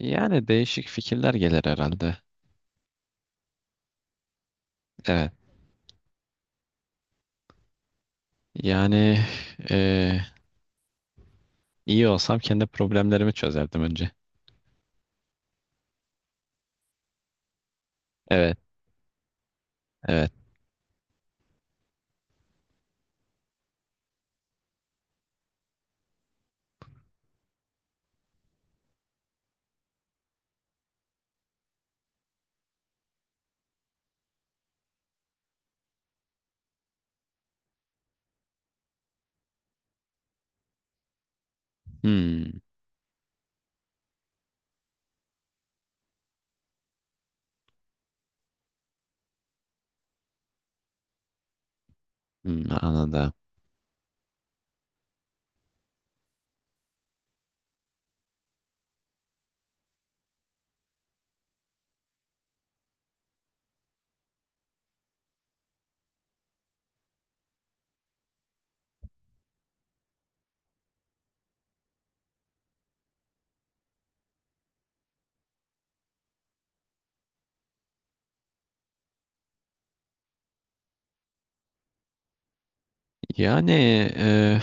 Yani değişik fikirler gelir herhalde. Evet. Yani eee, iyi olsam kendi problemlerimi çözerdim önce. Evet, evet. Hmm, hmm, anladım. Yani eee,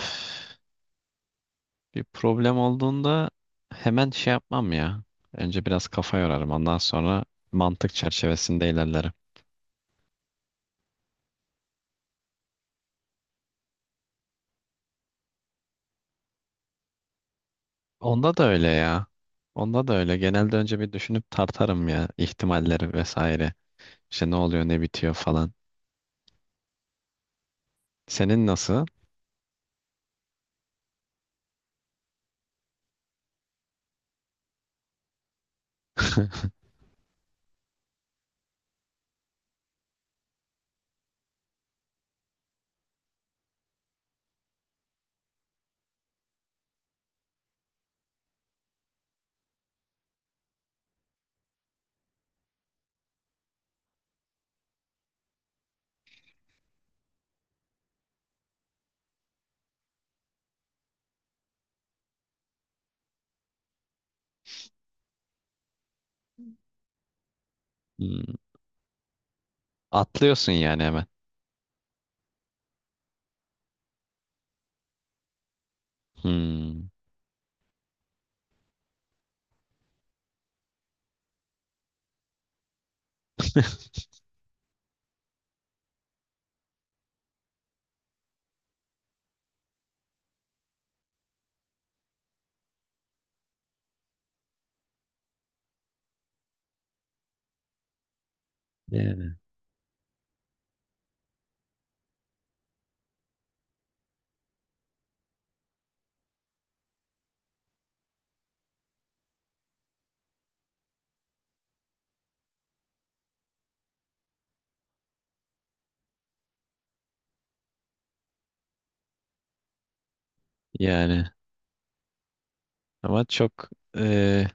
bir problem olduğunda hemen şey yapmam ya. Önce biraz kafa yorarım. Ondan sonra mantık çerçevesinde ilerlerim. Onda da öyle ya. Onda da öyle. Genelde önce bir düşünüp tartarım ya ihtimalleri vesaire. İşte ne oluyor, ne bitiyor falan. Senin nasıl? Hmm. Atlıyorsun yani hemen. Hmm. Yani. Yani. Ama çok e,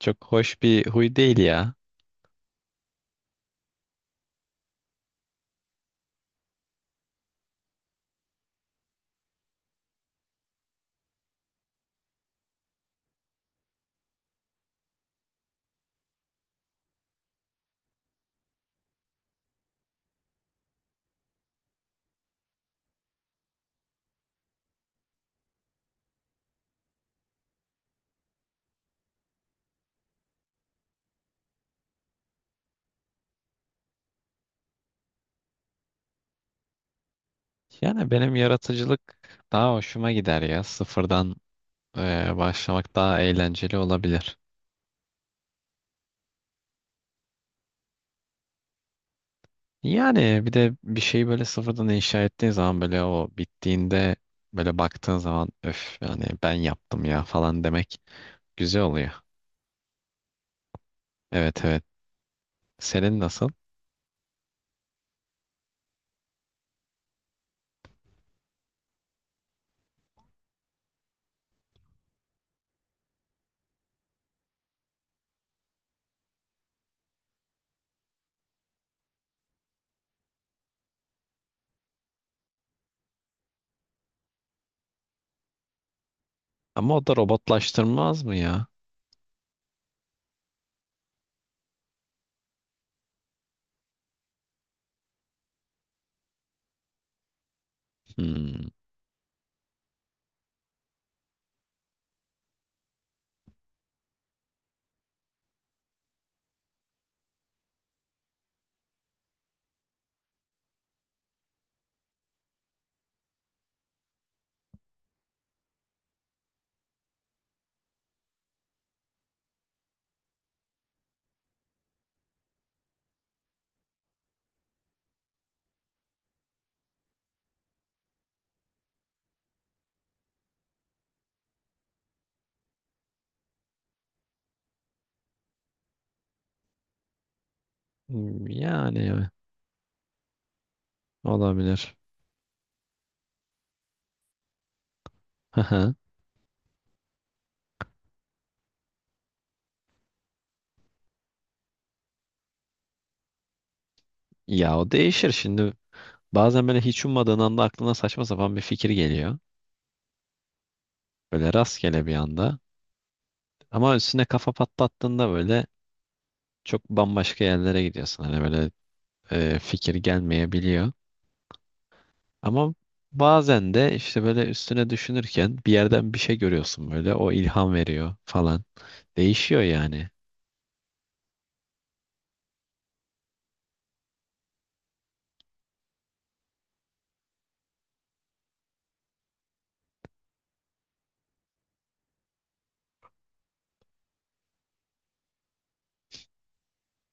çok hoş bir huy değil ya. Yani benim yaratıcılık daha hoşuma gider ya. Sıfırdan başlamak daha eğlenceli olabilir. Yani bir de bir şeyi böyle sıfırdan inşa ettiğin zaman böyle o bittiğinde böyle baktığın zaman öf yani ben yaptım ya falan demek güzel oluyor. Evet evet. Senin nasıl? Ama o da robotlaştırmaz mı ya? Hmm. Hmm, yani evet. Olabilir. Hıhı. Ya o değişir şimdi. Bazen böyle hiç ummadığın anda aklına saçma sapan bir fikir geliyor. Böyle rastgele bir anda. Ama üstüne kafa patlattığında böyle çok bambaşka yerlere gidiyorsun. Hani böyle fikir gelmeyebiliyor. Ama bazen de işte böyle üstüne düşünürken bir yerden bir şey görüyorsun böyle. O ilham veriyor falan. Değişiyor yani.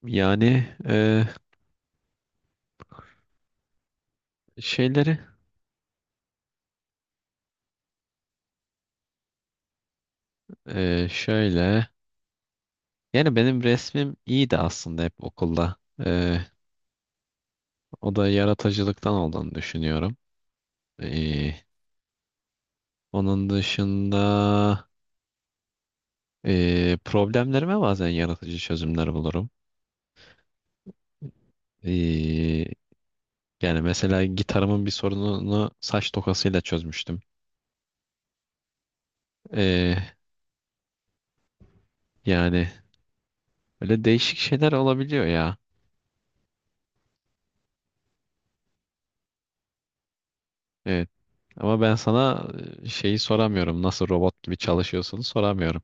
Yani şeyleri şöyle. Yani benim resmim iyiydi aslında hep okulda. E, O da yaratıcılıktan olduğunu düşünüyorum. Ee, onun dışında problemlerime bazen yaratıcı çözümler bulurum. Ee, yani mesela gitarımın bir sorununu saç tokasıyla çözmüştüm. Ee, yani öyle değişik şeyler olabiliyor ya. Evet. Ama ben sana şeyi soramıyorum. Nasıl robot gibi çalışıyorsun soramıyorum.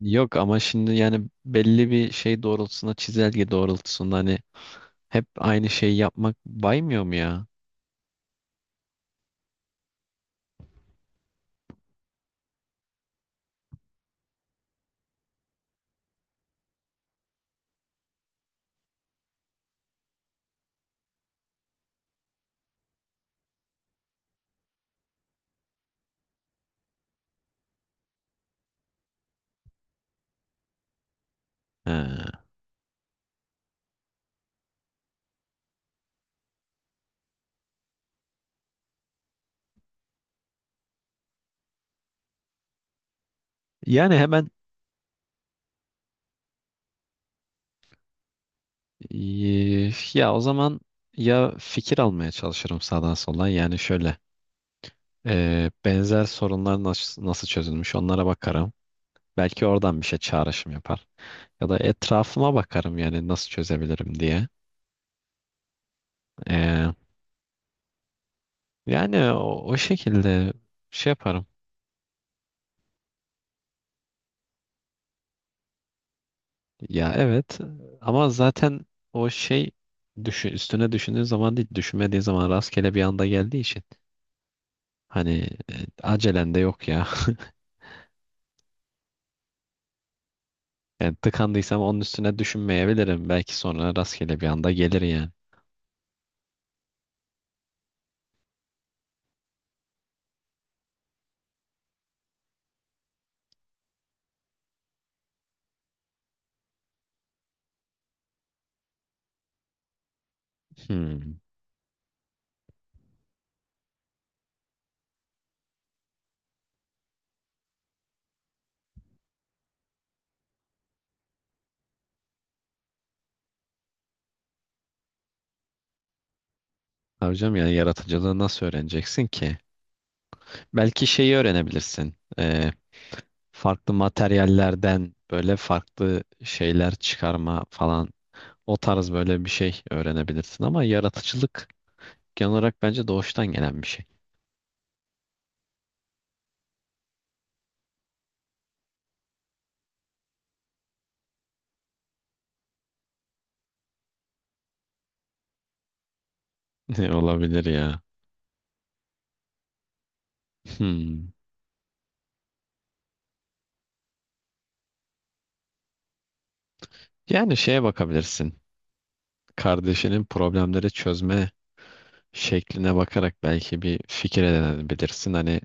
Yok ama şimdi yani belli bir şey doğrultusunda çizelge doğrultusunda hani hep aynı şeyi yapmak baymıyor mu ya? He. Yani hemen ya o zaman ya fikir almaya çalışırım sağdan soldan. Yani şöyle benzer sorunlar nasıl çözülmüş onlara bakarım. Belki oradan bir şey çağrışım yapar. Ya da etrafıma bakarım yani nasıl çözebilirim diye. Eee, yani o şekilde şey yaparım. Ya evet ama zaten o şey üstüne düşündüğün zaman değil düşünmediğin zaman rastgele bir anda geldiği için hani acelen de yok ya. Yani tıkandıysam onun üstüne düşünmeyebilirim. Belki sonra rastgele bir anda gelir yani. Hmm. Hocam yani yaratıcılığı nasıl öğreneceksin ki? Belki şeyi öğrenebilirsin. Farklı materyallerden böyle farklı şeyler çıkarma falan. O tarz böyle bir şey öğrenebilirsin ama yaratıcılık genel olarak bence doğuştan gelen bir şey. Olabilir ya. Hmm. Yani şeye bakabilirsin. Kardeşinin problemleri çözme şekline bakarak belki bir fikir edinebilirsin. Hani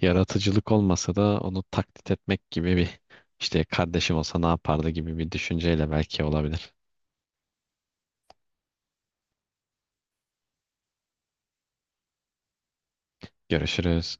yaratıcılık olmasa da onu taklit etmek gibi bir işte kardeşim olsa ne yapardı gibi bir düşünceyle belki olabilir. Görüşürüz.